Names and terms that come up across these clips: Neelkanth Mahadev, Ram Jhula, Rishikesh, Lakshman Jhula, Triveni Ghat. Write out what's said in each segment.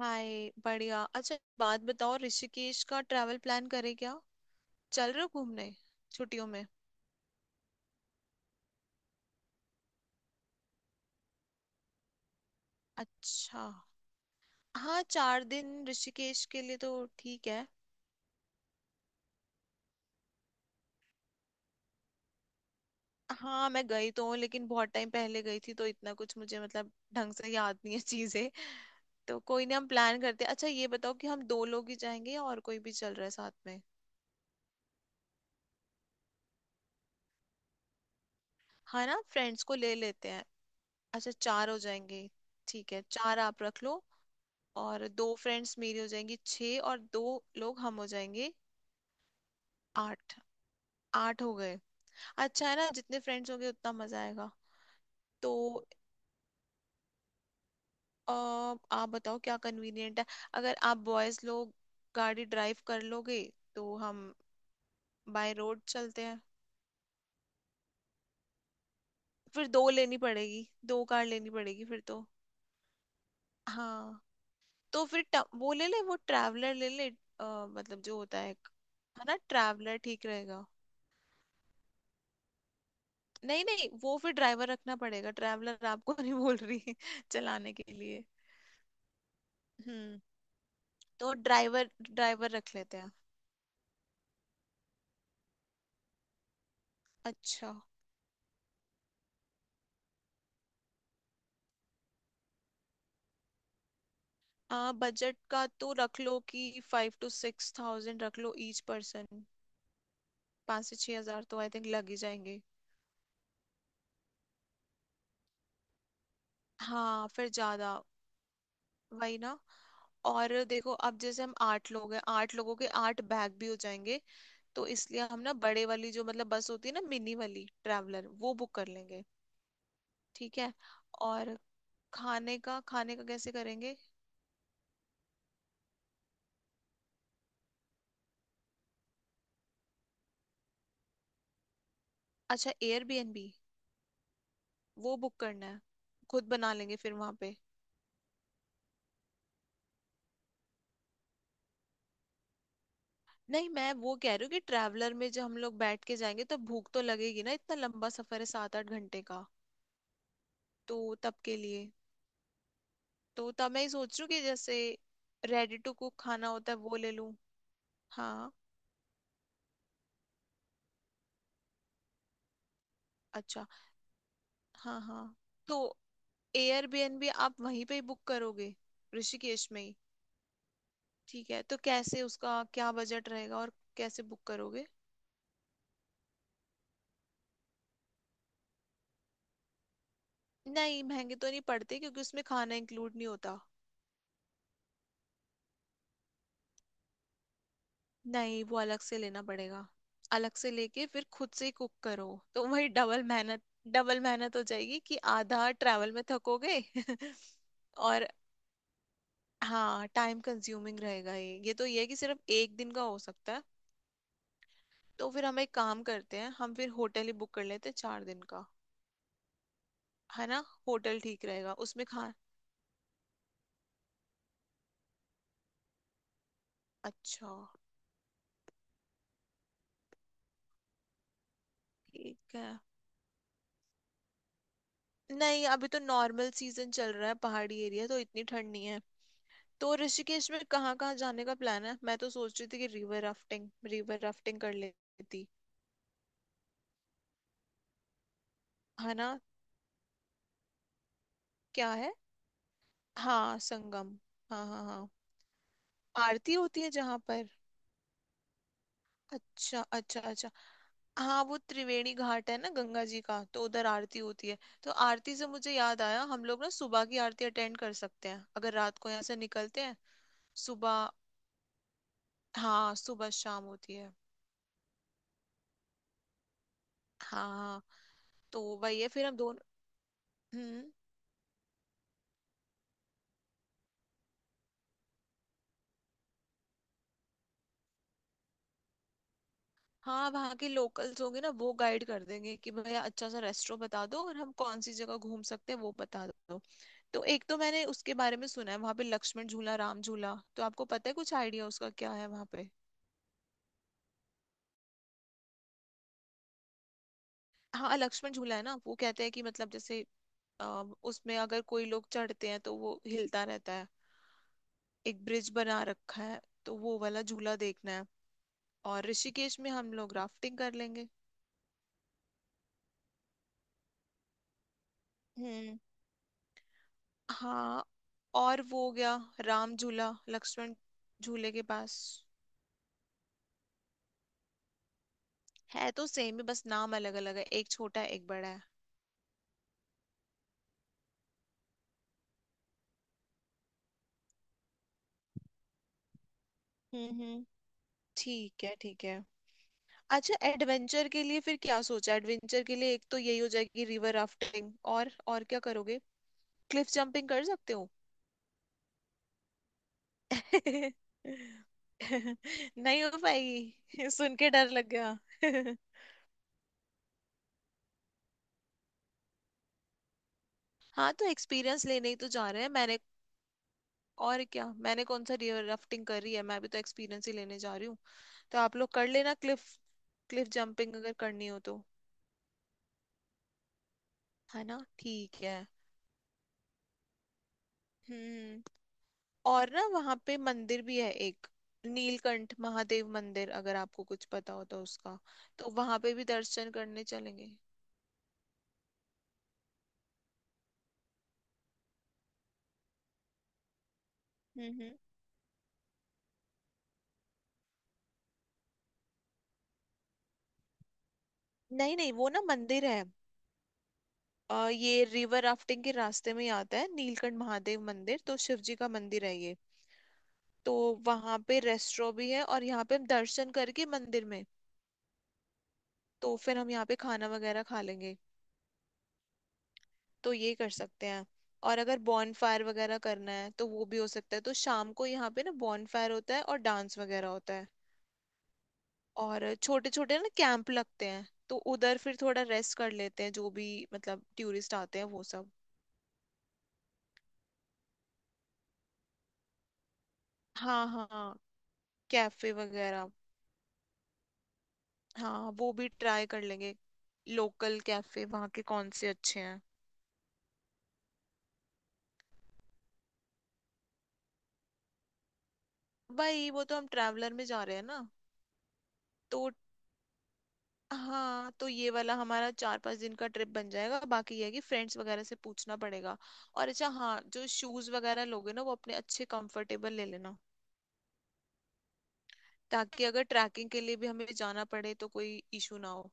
हाय, बढ़िया। अच्छा, एक बात बताओ, ऋषिकेश का ट्रैवल प्लान करें क्या? चल रहे हो घूमने छुट्टियों में? अच्छा। हाँ, 4 दिन ऋषिकेश के लिए तो ठीक है। हाँ, मैं गई तो हूँ, लेकिन बहुत टाइम पहले गई थी, तो इतना कुछ मुझे मतलब ढंग से याद नहीं है चीजें। तो कोई नहीं, हम प्लान करते हैं। अच्छा ये बताओ कि हम दो लोग ही जाएंगे या और कोई भी चल रहा है साथ में? हाँ ना, फ्रेंड्स को ले लेते हैं। अच्छा, चार हो जाएंगे। ठीक है, चार आप रख लो और दो फ्रेंड्स मेरी हो जाएंगी, छः। और दो लोग हम हो जाएंगे। आठ। आठ हो गए। अच्छा है ना, जितने फ्रेंड्स होंगे उतना मजा आएगा। तो अ, आप बताओ क्या कन्वीनियंट है। अगर आप बॉयज लोग गाड़ी ड्राइव कर लोगे तो हम बाय रोड चलते हैं। फिर दो लेनी पड़ेगी, दो कार लेनी पड़ेगी फिर तो। हाँ। तो फिर वो ट्रैवलर ले ले, मतलब जो होता है एक, है ना, ट्रैवलर ठीक रहेगा। नहीं नहीं, वो फिर ड्राइवर रखना पड़ेगा। ट्रैवलर आपको नहीं बोल रही चलाने के लिए। हम्म। तो ड्राइवर ड्राइवर रख लेते हैं। अच्छा। आ बजट का तो रख लो कि 5 से 6 हज़ार रख लो ईच पर्सन। 5 से 6 हज़ार तो आई थिंक लग ही जाएंगे। हाँ, फिर ज्यादा, वही ना। और देखो, अब जैसे हम आठ लोग हैं, आठ लोगों के आठ बैग भी हो जाएंगे। तो इसलिए हम ना बड़े वाली, जो मतलब बस होती है ना मिनी वाली ट्रैवलर, वो बुक कर लेंगे। ठीक है। और खाने का, खाने का कैसे करेंगे? अच्छा, एयरबीएनबी। वो बुक करना है? खुद बना लेंगे फिर वहां पे? नहीं, मैं वो कह रही हूँ कि ट्रैवलर में जब हम लोग बैठ के जाएंगे तो भूख तो लगेगी ना, इतना लंबा सफर है, 7-8 घंटे का। तो तब के लिए, तो तब मैं ये सोच रही हूँ कि जैसे रेडी टू कुक खाना होता है, वो ले लूँ। हाँ। अच्छा। हाँ हाँ। तो एयरबीएनबी आप वहीं पे ही बुक करोगे, ऋषिकेश में ही? ठीक है, तो कैसे, उसका क्या बजट रहेगा और कैसे बुक करोगे? नहीं, महंगे तो नहीं पड़ते, क्योंकि उसमें खाना इंक्लूड नहीं होता। नहीं, वो अलग से लेना पड़ेगा। अलग से लेके फिर खुद से ही कुक करो, तो वही डबल मेहनत। डबल मेहनत हो जाएगी कि आधा ट्रैवल में थकोगे और हाँ, टाइम कंज्यूमिंग रहेगा ये। ये है कि सिर्फ एक दिन का हो सकता है। तो फिर हम एक काम करते हैं, हम फिर होटल ही बुक कर लेते हैं 4 दिन का। है ना, होटल ठीक रहेगा, उसमें खा। अच्छा। ठीक है। नहीं, अभी तो नॉर्मल सीजन चल रहा है, पहाड़ी एरिया तो इतनी ठंड नहीं है। तो ऋषिकेश में कहाँ कहाँ जाने का प्लान है? मैं तो सोच रही थी कि रिवर राफ्टिंग, रिवर राफ्टिंग कर लेती। है ना। क्या है? हाँ, संगम। हाँ हाँ हाँ। आरती होती है जहाँ पर। अच्छा अच्छा अच्छा। हाँ, वो त्रिवेणी घाट है ना, गंगा जी का, तो उधर आरती होती है। तो आरती से मुझे याद आया, हम लोग ना सुबह की आरती अटेंड कर सकते हैं अगर रात को यहाँ से निकलते हैं। सुबह। हाँ, सुबह शाम होती है। हाँ हाँ। तो वही है फिर हम दोनों। हाँ, वहाँ के लोकल्स होंगे ना, वो गाइड कर देंगे कि भैया अच्छा सा रेस्टोरेंट बता दो, और हम कौन सी जगह घूम सकते हैं वो बता दो। तो एक तो मैंने उसके बारे में सुना है, वहाँ पे लक्ष्मण झूला, राम झूला, तो आपको पता है कुछ आइडिया उसका क्या है वहाँ पे? हाँ, लक्ष्मण झूला है ना, वो कहते हैं कि मतलब जैसे उसमें अगर कोई लोग चढ़ते हैं तो वो हिलता रहता है। एक ब्रिज बना रखा है, तो वो वाला झूला देखना है। और ऋषिकेश में हम लोग राफ्टिंग कर लेंगे। हम्म। हाँ और वो हो गया, राम झूला, लक्ष्मण झूले के पास है तो सेम ही, बस नाम अलग अलग है, एक छोटा है एक बड़ा है। हम्म। ठीक है ठीक है। अच्छा, एडवेंचर के लिए फिर क्या सोचा? एडवेंचर के लिए एक तो यही हो जाएगी, रिवर राफ्टिंग, और क्या करोगे? क्लिफ जंपिंग कर सकते हो। नहीं हो पाएगी सुन के डर लग गया हाँ, तो एक्सपीरियंस लेने ही तो जा रहे हैं मैंने। और क्या, मैंने कौन सा रिवर राफ्टिंग करी है, मैं भी तो एक्सपीरियंस ही लेने जा रही हूँ। तो आप लोग कर लेना क्लिफ, क्लिफ जंपिंग अगर करनी हो तो। है ना, ठीक है। हम्म। और ना, वहाँ पे मंदिर भी है एक, नीलकंठ महादेव मंदिर, अगर आपको कुछ पता हो तो उसका, तो वहां पे भी दर्शन करने चलेंगे। हम्म हम्म। नहीं नहीं, वो ना मंदिर है। ये रिवर राफ्टिंग के रास्ते में ही आता है, नीलकंठ महादेव मंदिर, तो शिव जी का मंदिर है ये। तो वहां पे रेस्टोरेंट भी है, और यहाँ पे हम दर्शन करके मंदिर में, तो फिर हम यहाँ पे खाना वगैरह खा लेंगे। तो ये कर सकते हैं। और अगर बॉन फायर वगैरह करना है तो वो भी हो सकता है, तो शाम को यहाँ पे ना बॉन फायर होता है और डांस वगैरह होता है। और छोटे छोटे ना कैंप लगते हैं, तो उधर फिर थोड़ा रेस्ट कर लेते हैं, जो भी मतलब टूरिस्ट आते हैं वो सब। हाँ हाँ, कैफे वगैरह, हाँ वो भी ट्राई कर लेंगे। लोकल कैफे वहाँ के कौन से अच्छे हैं? भाई, वो तो हम ट्रैवलर में जा रहे हैं ना। तो हाँ, तो ये वाला हमारा 4-5 दिन का ट्रिप बन जाएगा, बाकी ये है कि फ्रेंड्स वगैरह से पूछना पड़ेगा। और अच्छा हाँ, जो शूज वगैरह लोगे ना, वो अपने अच्छे कंफर्टेबल ले लेना, ताकि अगर ट्रैकिंग के लिए भी हमें जाना पड़े तो कोई इशू ना हो।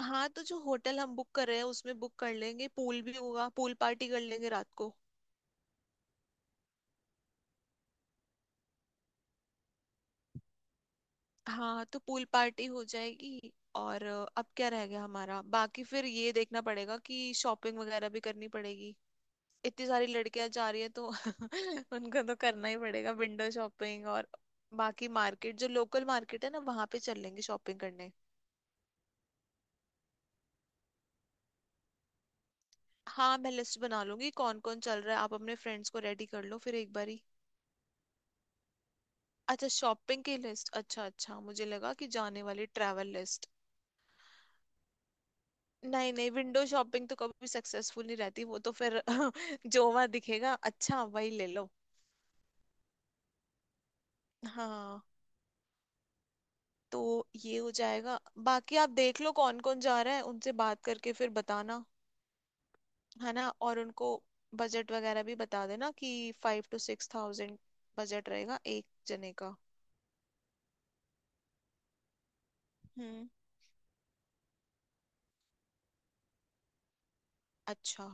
हाँ, तो जो होटल हम बुक कर रहे हैं उसमें बुक कर लेंगे, पूल भी होगा, पूल पार्टी कर लेंगे रात को। हाँ, तो पूल पार्टी हो जाएगी और अब क्या रह गया हमारा बाकी? फिर ये देखना पड़ेगा कि शॉपिंग वगैरह भी करनी पड़ेगी। इतनी सारी लड़कियां जा रही है, तो उनको तो करना ही पड़ेगा विंडो शॉपिंग। और बाकी मार्केट, जो लोकल मार्केट है ना, वहां पे चल लेंगे शॉपिंग करने। हाँ, मैं लिस्ट बना लूंगी कौन कौन चल रहा है, आप अपने फ्रेंड्स को रेडी कर लो फिर एक बारी। अच्छा, शॉपिंग की लिस्ट, अच्छा अच्छा, मुझे लगा कि जाने वाली ट्रैवल लिस्ट। नहीं नहीं, विंडो शॉपिंग तो कभी सक्सेसफुल नहीं रहती, वो तो फिर जो वहां दिखेगा अच्छा वही ले लो। हाँ, तो ये हो जाएगा। बाकी आप देख लो कौन कौन जा रहा है, उनसे बात करके फिर बताना, है ना, और उनको बजट वगैरह भी बता देना कि 5 से 6 हज़ार बजट रहेगा एक जने का। हम्म। अच्छा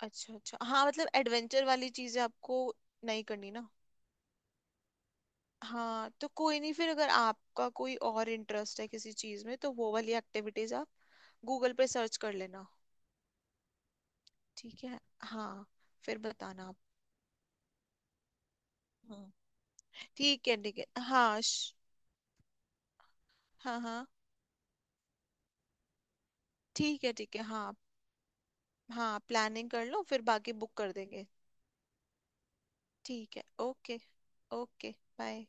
अच्छा अच्छा। हाँ, मतलब एडवेंचर वाली चीजें आपको नहीं करनी ना। हाँ, तो कोई नहीं, फिर अगर आपका कोई और इंटरेस्ट है किसी चीज में तो वो वाली एक्टिविटीज आप गूगल पे सर्च कर लेना। ठीक है हाँ। फिर बताना आप। हम्म, ठीक है। ठीक है हाँ, हाँ हाँ। ठीक है ठीक है। हाँ हाँ, प्लानिंग कर लो फिर बाकी बुक कर देंगे। ठीक है, ओके। Okay, bye.